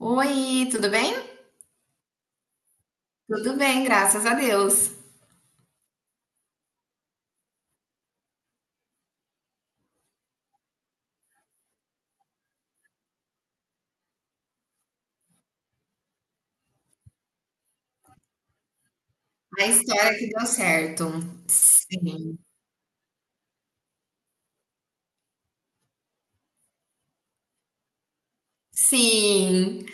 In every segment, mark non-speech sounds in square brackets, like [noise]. Oi, tudo bem? Tudo bem, graças a Deus. A história que deu certo. Sim, sim.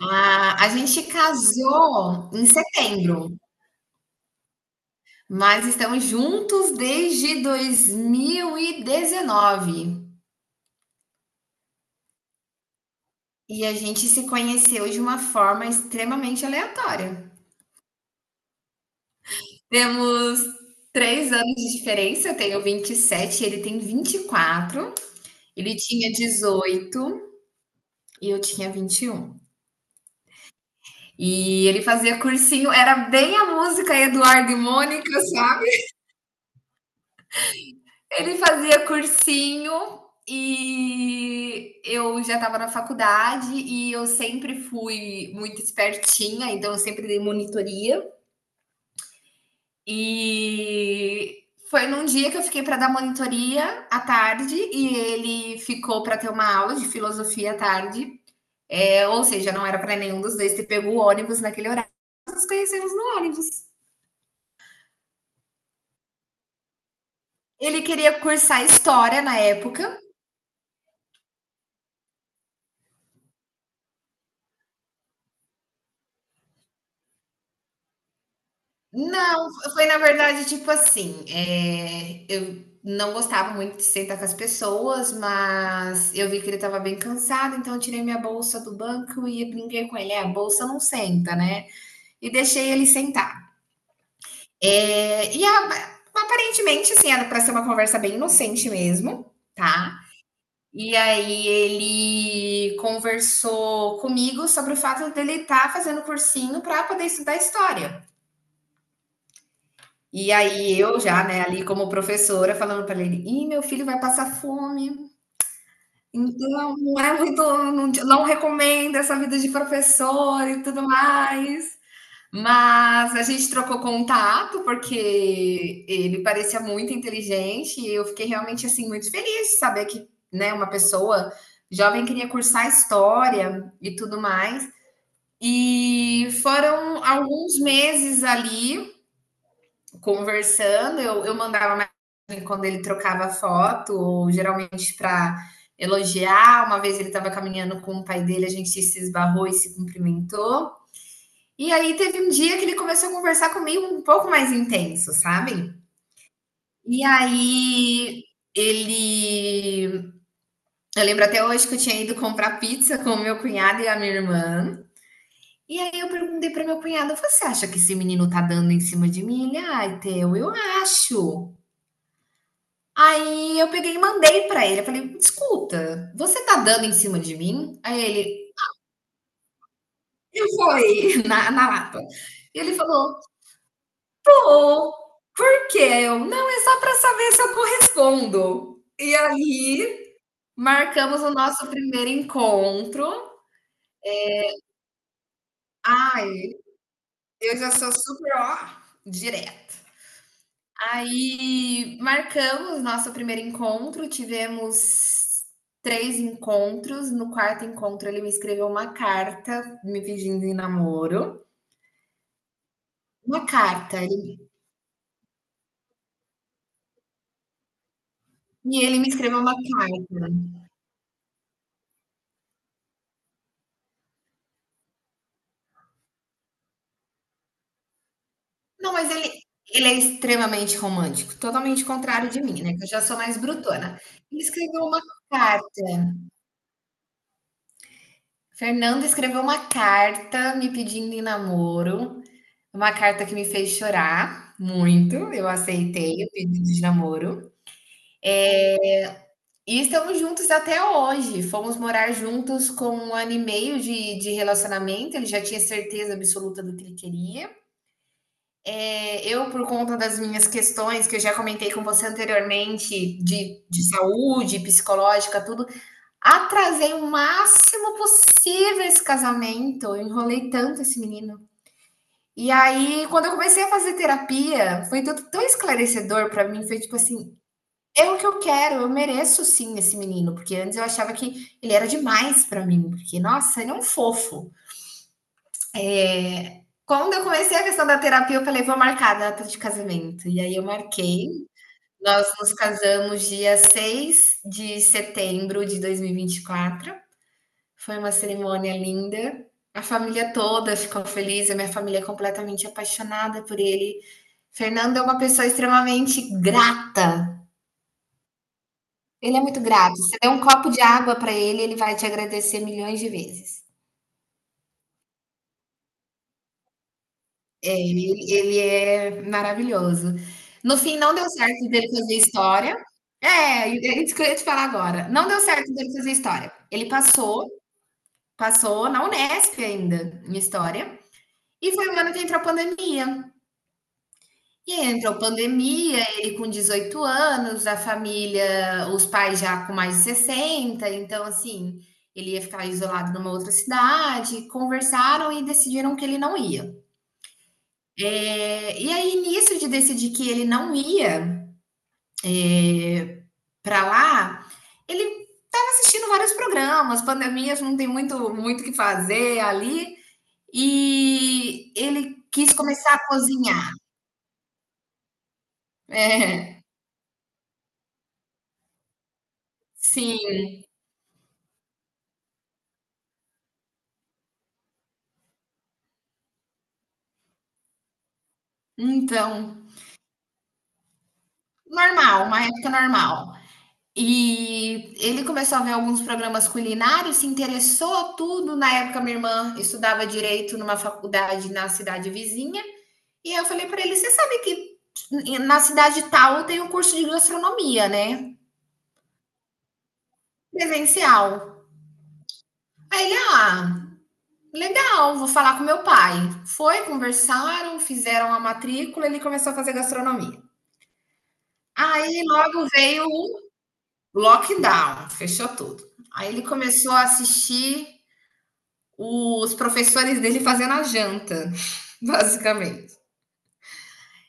Ah, a gente casou em setembro, mas estamos juntos desde 2019. E dezenove. E a gente se conheceu de uma forma extremamente aleatória. Temos 3 anos de diferença, eu tenho 27, ele tem 24, ele tinha 18 e eu tinha 21. E ele fazia cursinho, era bem a música Eduardo e Mônica, sabe? Ele fazia cursinho e eu já estava na faculdade e eu sempre fui muito espertinha, então eu sempre dei monitoria. E foi num dia que eu fiquei para dar monitoria à tarde e ele ficou para ter uma aula de filosofia à tarde. É, ou seja, não era para nenhum dos dois ter pego o ônibus naquele horário, nos conhecemos no ônibus. Ele queria cursar história na época. Não, foi na verdade tipo assim, eu não gostava muito de sentar com as pessoas, mas eu vi que ele estava bem cansado, então eu tirei minha bolsa do banco e brinquei com ele. É, a bolsa não senta, né? E deixei ele sentar. Aparentemente, assim, era para ser uma conversa bem inocente mesmo, tá? E aí ele conversou comigo sobre o fato dele estar fazendo cursinho para poder estudar história. E aí eu já, né, ali como professora, falando para ele: "Ih, meu filho vai passar fome, então não é muito não recomendo essa vida de professor e tudo mais". Mas a gente trocou contato, porque ele parecia muito inteligente e eu fiquei realmente, assim, muito feliz de saber que, né, uma pessoa jovem queria cursar história e tudo mais. E foram alguns meses ali conversando, eu mandava mensagem quando ele trocava foto, ou geralmente para elogiar. Uma vez ele estava caminhando com o pai dele, a gente se esbarrou e se cumprimentou. E aí teve um dia que ele começou a conversar comigo um pouco mais intenso, sabe? E aí ele. Eu lembro até hoje que eu tinha ido comprar pizza com o meu cunhado e a minha irmã. E aí eu perguntei para meu cunhado: você acha que esse menino tá dando em cima de mim? Ele, ai, Teu, eu acho. Aí eu peguei e mandei pra ele, eu falei: "Escuta, você tá dando em cima de mim?" Aí ele: eu fui [laughs] Na lata. E Ele falou: "Tô. Por quê?" Aí eu: "Não, é só pra saber se eu correspondo". E aí, marcamos o nosso primeiro encontro. Ai, eu já sou super, ó, direto. Aí marcamos nosso primeiro encontro, tivemos três encontros. No quarto encontro, ele me escreveu uma carta me pedindo em namoro. Uma carta, ele- e ele me escreveu uma carta. Não, mas ele é extremamente romântico, totalmente contrário de mim, né? Que eu já sou mais brutona. Ele escreveu uma carta. Fernando escreveu uma carta me pedindo em namoro, uma carta que me fez chorar muito. Eu aceitei o pedido de namoro. E estamos juntos até hoje. Fomos morar juntos com um ano e meio de relacionamento, ele já tinha certeza absoluta do que ele queria. Eu, por conta das minhas questões que eu já comentei com você anteriormente, de saúde, psicológica, tudo, atrasei o máximo possível esse casamento, eu enrolei tanto esse menino. E aí, quando eu comecei a fazer terapia, foi tudo tão esclarecedor para mim, foi tipo assim: é o que eu quero, eu mereço sim esse menino, porque antes eu achava que ele era demais pra mim, porque, nossa, ele é um fofo. Quando eu comecei a questão da terapia, eu falei: "Vou marcar a data de casamento". E aí eu marquei, nós nos casamos dia 6 de setembro de dois mil e vinte e quatro. Foi uma cerimônia linda, a família toda ficou feliz, a minha família é completamente apaixonada por ele. Fernando é uma pessoa extremamente grata. Ele é muito grato. Você dá um copo de água para ele, ele vai te agradecer milhões de vezes. É, ele é maravilhoso. No fim, não deu certo dele fazer história. É, é isso que eu ia te falar agora. Não deu certo dele fazer história. Passou na Unesp ainda, em história, e foi o ano que entrou a pandemia. E entrou pandemia, ele com 18 anos, a família, os pais já com mais de 60, então assim, ele ia ficar isolado numa outra cidade, conversaram e decidiram que ele não ia. E aí nisso de decidir que ele não ia, eh, pra lá, ele estava assistindo vários programas, pandemias não tem muito que fazer ali, e ele quis começar a cozinhar. É, sim, então. Normal, uma época normal. E ele começou a ver alguns programas culinários, se interessou tudo. Na época, minha irmã estudava direito numa faculdade na cidade vizinha. E eu falei para ele: você sabe que na cidade tal tem um curso de gastronomia, né? Presencial. Aí ele, ah, legal, vou falar com meu pai. Foi, conversaram, fizeram a matrícula, ele começou a fazer gastronomia. Aí logo veio Lockdown, fechou tudo. Aí ele começou a assistir os professores dele fazendo a janta, [laughs] basicamente.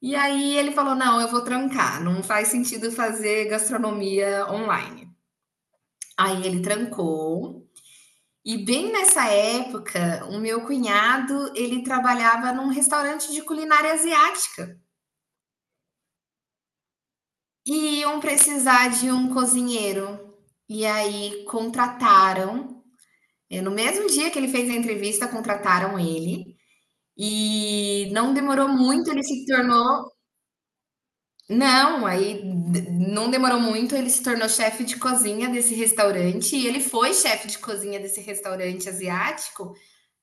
E aí ele falou: não, eu vou trancar, não faz sentido fazer gastronomia online. Aí ele trancou. E bem nessa época, o meu cunhado, ele trabalhava num restaurante de culinária asiática. E iam precisar de um cozinheiro. E aí contrataram É, no mesmo dia que ele fez a entrevista, contrataram ele. E não demorou muito, ele se tornou. Não, não demorou muito, ele se tornou chefe de cozinha desse restaurante. E ele foi chefe de cozinha desse restaurante asiático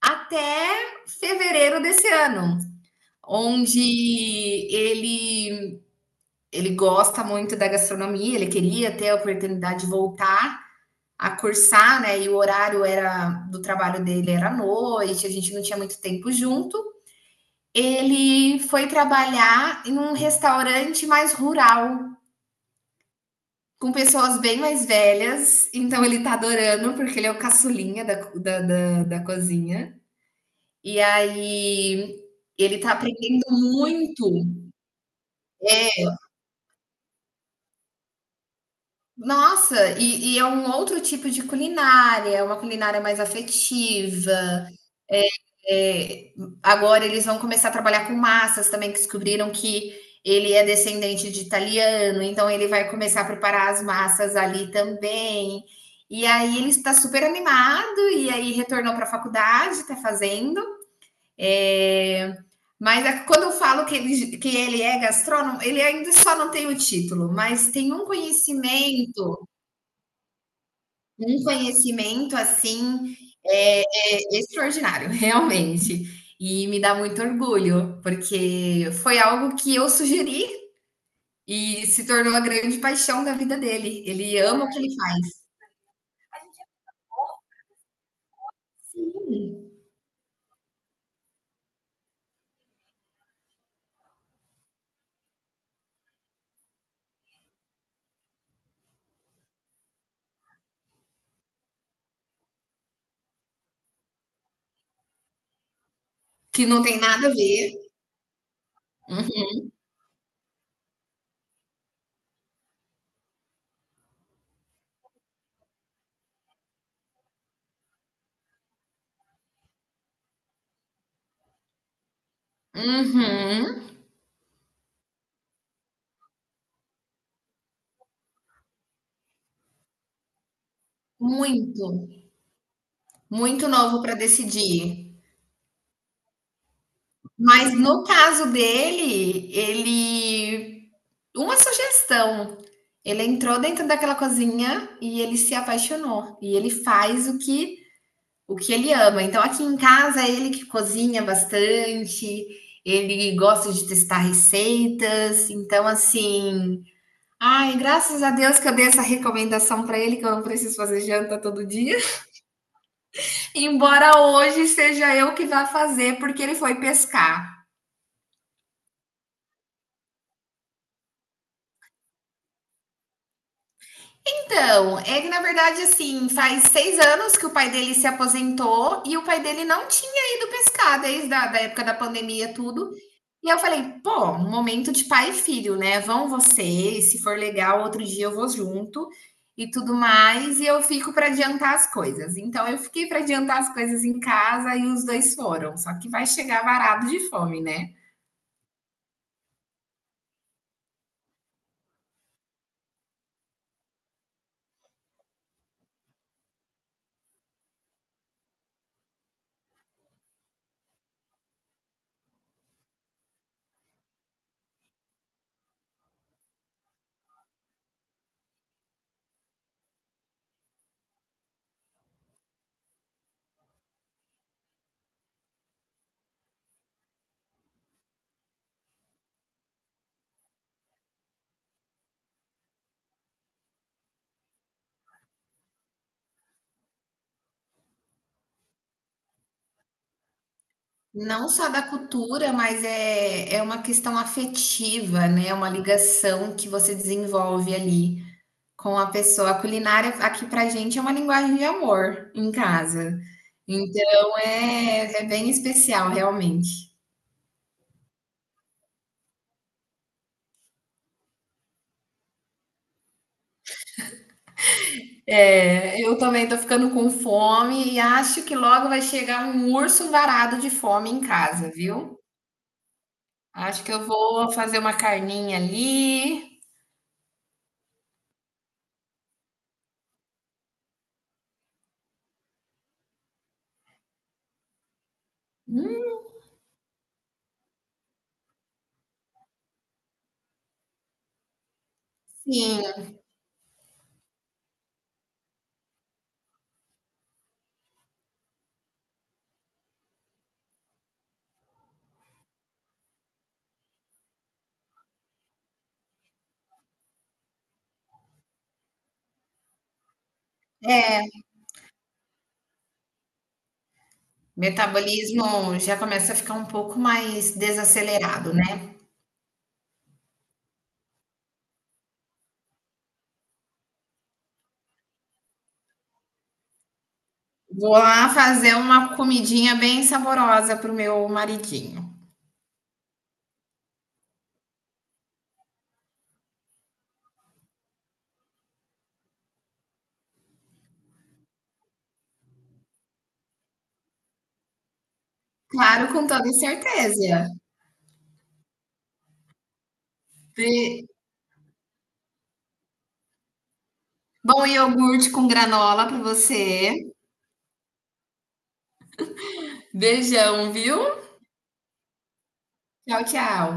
até fevereiro desse ano, onde ele, ele gosta muito da gastronomia, ele queria ter a oportunidade de voltar a cursar, né? E o horário era do trabalho dele era à noite, a gente não tinha muito tempo junto. Ele foi trabalhar em um restaurante mais rural, com pessoas bem mais velhas. Então ele tá adorando, porque ele é o caçulinha da cozinha. E aí ele tá aprendendo muito. É, nossa, e é um outro tipo de culinária, é uma culinária mais afetiva. É, agora eles vão começar a trabalhar com massas também, que descobriram que ele é descendente de italiano, então ele vai começar a preparar as massas ali também. E aí ele está super animado, e aí retornou para a faculdade, está fazendo. É, mas é, quando eu falo que ele é gastrônomo, ele ainda só não tem o título, mas tem um conhecimento, assim, eh, é extraordinário, [laughs] realmente. E me dá muito orgulho, porque foi algo que eu sugeri e se tornou a grande paixão da vida dele. Ele ama o que ele faz. Sim. Que não tem nada a ver. Uhum. Uhum. Muito, muito novo para decidir. Mas no caso dele, ele. Uma sugestão. Ele entrou dentro daquela cozinha e ele se apaixonou. E ele faz o que ele ama. Então aqui em casa é ele que cozinha bastante, ele gosta de testar receitas. Então assim, ai, graças a Deus que eu dei essa recomendação para ele que eu não preciso fazer janta todo dia, [laughs] embora hoje seja eu que vá fazer porque ele foi pescar. Então, é que na verdade, assim, faz 6 anos que o pai dele se aposentou e o pai dele não tinha ido pescar desde a da época da pandemia, tudo. E eu falei, pô, um momento de pai e filho, né? Vão vocês, se for legal, outro dia eu vou junto e tudo mais. E eu fico para adiantar as coisas. Então, eu fiquei para adiantar as coisas em casa e os dois foram. Só que vai chegar varado de fome, né? Não só da cultura, mas é, é uma questão afetiva, né? É uma ligação que você desenvolve ali com a pessoa. A culinária aqui pra gente é uma linguagem de amor em casa. Então é, é bem especial, realmente. É, eu também tô ficando com fome e acho que logo vai chegar um urso varado de fome em casa, viu? Acho que eu vou fazer uma carninha ali. Hum, sim, é. Metabolismo já começa a ficar um pouco mais desacelerado, né? Vou lá fazer uma comidinha bem saborosa para o meu maridinho. Claro, com toda certeza. Be- Bom iogurte com granola para você. Beijão, viu? Tchau, tchau.